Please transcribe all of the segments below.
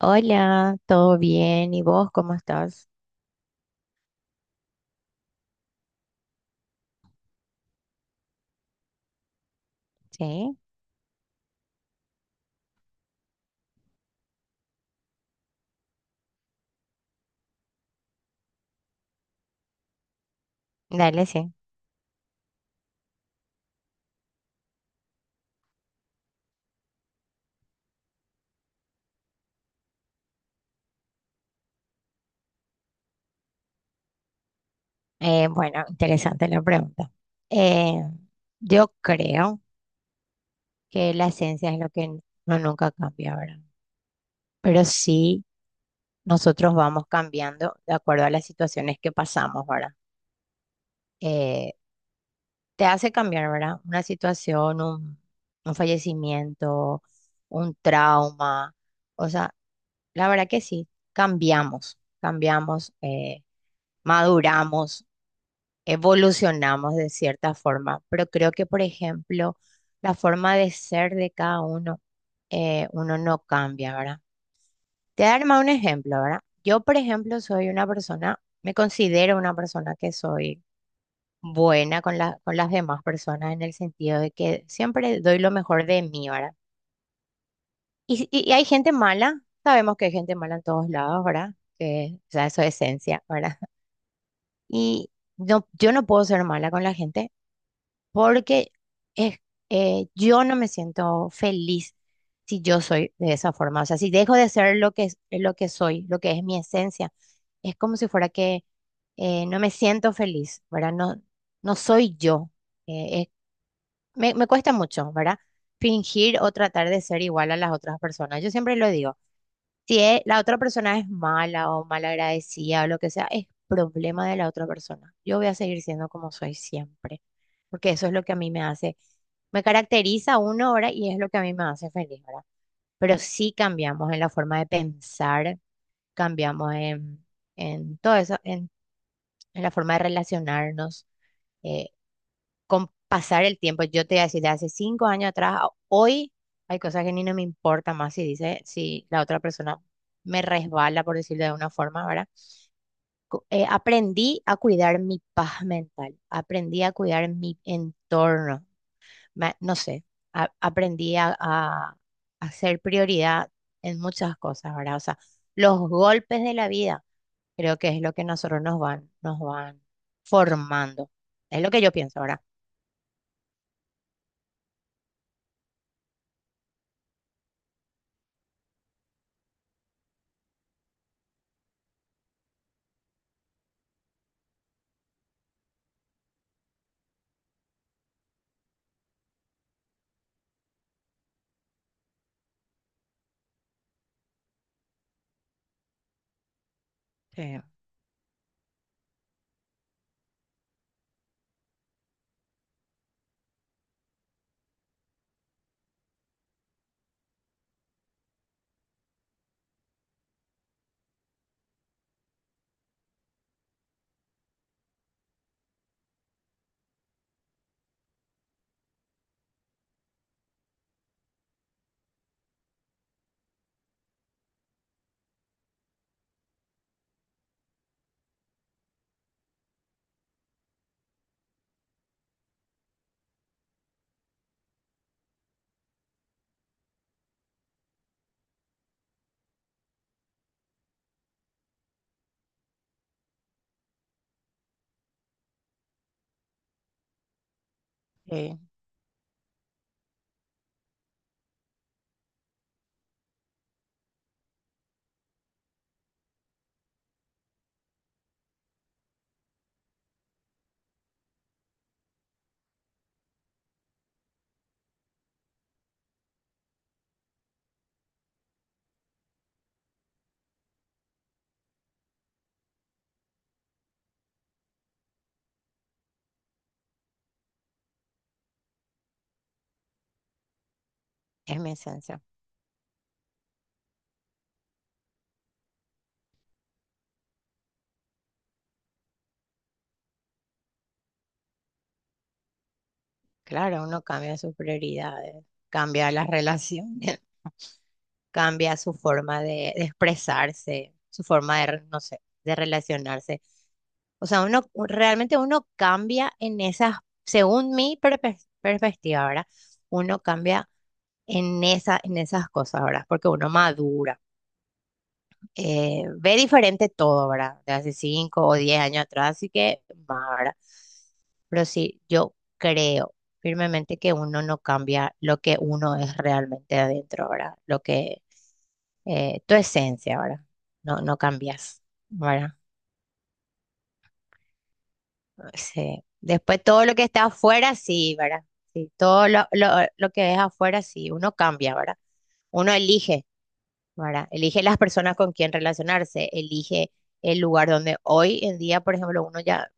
Hola, ¿todo bien? ¿Y vos cómo estás? Sí, dale, sí. Bueno, interesante la pregunta. Eh, yo creo que la esencia es lo que no nunca cambia, ¿verdad? Pero sí, nosotros vamos cambiando de acuerdo a las situaciones que pasamos, ¿verdad? Eh, Te hace cambiar, ¿verdad? Una situación, un fallecimiento, un trauma, o sea, la verdad que sí, cambiamos, cambiamos. Maduramos, evolucionamos de cierta forma, pero creo que, por ejemplo, la forma de ser de cada uno, uno no cambia, ¿verdad? Te voy a dar más un ejemplo, ¿verdad? Yo, por ejemplo, soy una persona, me considero una persona que soy buena con las demás personas en el sentido de que siempre doy lo mejor de mí, ¿verdad? Y hay gente mala, sabemos que hay gente mala en todos lados, ¿verdad? Que, o sea, eso es esencia, ¿verdad? Y no, yo no puedo ser mala con la gente porque es, yo no me siento feliz si yo soy de esa forma. O sea, si dejo de ser lo que soy, lo que es mi esencia, es como si fuera que no me siento feliz, ¿verdad? No, no soy yo. Eh, es- me cuesta mucho, ¿verdad? Fingir o tratar de ser igual a las otras personas. Yo siempre lo digo. Si e- La otra persona es mala o malagradecida o lo que sea, es problema de la otra persona. Yo voy a seguir siendo como soy siempre, porque eso es lo que a mí me hace, me caracteriza uno ahora y es lo que a mí me hace feliz, ¿verdad? Pero sí cambiamos en la forma de pensar, cambiamos en todo eso, en la forma de relacionarnos. eh, con pasar el tiempo, yo te voy a decir, de hace 5 años atrás, a hoy hay cosas que ni no me importa más si dice, si la otra persona me resbala, por decirlo de una forma, ¿verdad? Aprendí a cuidar mi paz mental, aprendí a cuidar mi entorno, no sé, aprendí a hacer prioridad en muchas cosas, ¿verdad? O sea, los golpes de la vida creo que es lo que nosotros nos van formando. Es lo que yo pienso, ¿verdad? Sí. Es mi esencia. Claro, uno cambia sus prioridades, cambia las relaciones, cambia su forma de expresarse, su forma no sé, de relacionarse. O sea, uno realmente uno cambia en esas, según mi perspectiva, ¿verdad? Uno cambia en esas cosas, ¿verdad? Porque uno madura. Ve diferente todo, ¿verdad? De hace 5 o 10 años atrás, así que más, ¿verdad? Pero sí, yo creo firmemente que uno no cambia lo que uno es realmente adentro, ¿verdad? Lo que, tu esencia, ¿verdad? No, no cambias, ¿verdad? Sí. Después todo lo que está afuera, sí, ¿verdad? Sí, todo lo que es afuera, sí, uno cambia, ¿verdad? Uno elige, ¿verdad? Elige las personas con quien relacionarse, elige el lugar donde hoy en día, por ejemplo, uno ya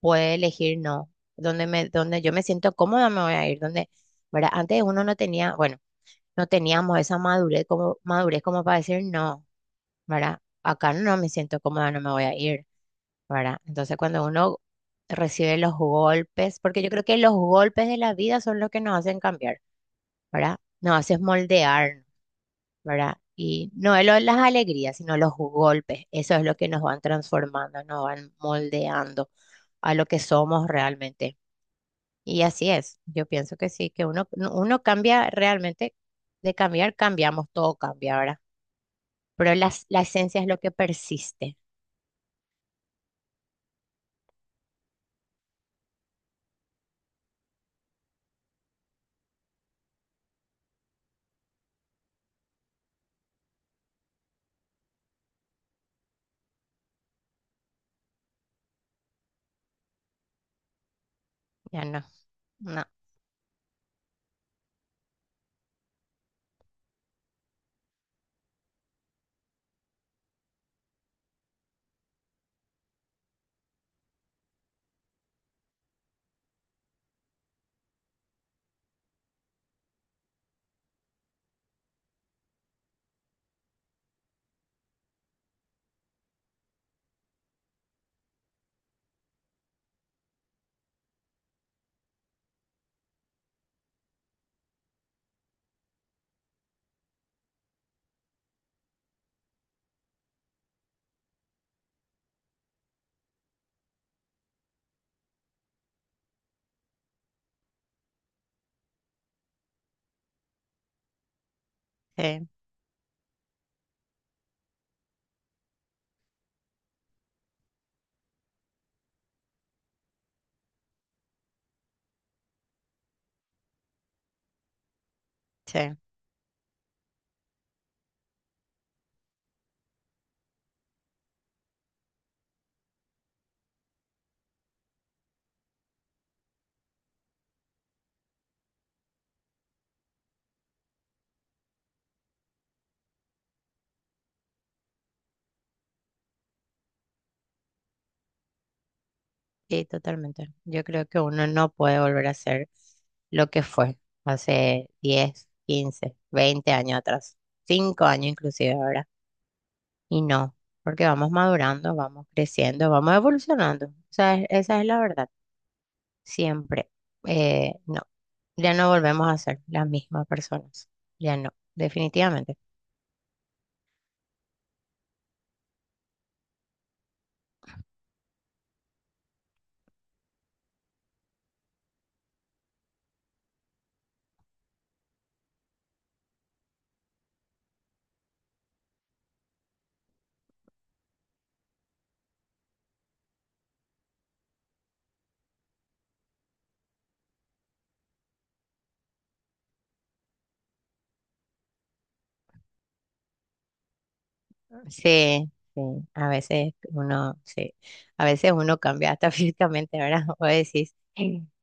puede elegir no, donde yo me siento cómoda me voy a ir, donde, ¿verdad? Antes uno no tenía, bueno, no teníamos esa madurez como para decir no, ¿verdad? Acá no me siento cómoda, no me voy a ir, ¿verdad? Entonces cuando uno recibe los golpes, porque yo creo que los golpes de la vida son los que nos hacen cambiar, ¿verdad? Nos hacen moldear, ¿verdad? Y no es las alegrías, sino los golpes. Eso es lo que nos van transformando, nos van moldeando a lo que somos realmente. Y así es. Yo pienso que sí, que uno, uno cambia realmente, de cambiar, cambiamos, todo cambia, ahora pero la esencia es lo que persiste. Ya no, no, sí, sí. Sí, totalmente. Yo creo que uno no puede volver a ser lo que fue hace 10, 15, 20 años atrás, 5 años inclusive ahora. Y no, porque vamos madurando, vamos creciendo, vamos evolucionando. O sea, esa es la verdad. Siempre. No, ya no volvemos a ser las mismas personas. Ya no, definitivamente. Sí, sí, a veces uno, sí, a veces uno cambia hasta físicamente, ¿verdad? O decís,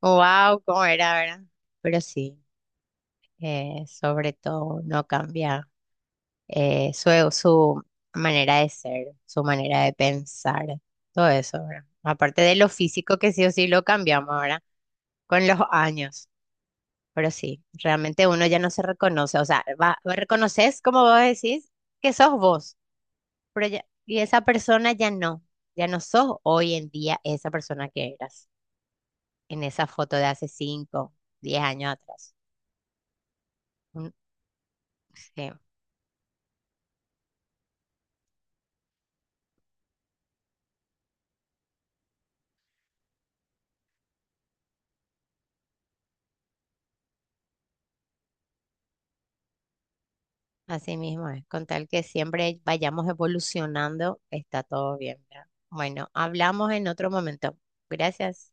wow, ¿cómo era, verdad? Pero sí, sobre todo uno cambia su manera de ser, su manera de pensar, todo eso, ¿verdad? Aparte de lo físico que sí o sí lo cambiamos, ¿verdad? Con los años, pero sí, realmente uno ya no se reconoce, o sea, va, reconoces, como vos decís, que sos vos. Pero ya, y esa persona ya no, ya no sos hoy en día esa persona que eras en esa foto de hace 5 10 años atrás. Mm, sí, así mismo es. Con tal que siempre vayamos evolucionando, está todo bien, ¿verdad? Bueno, hablamos en otro momento. Gracias.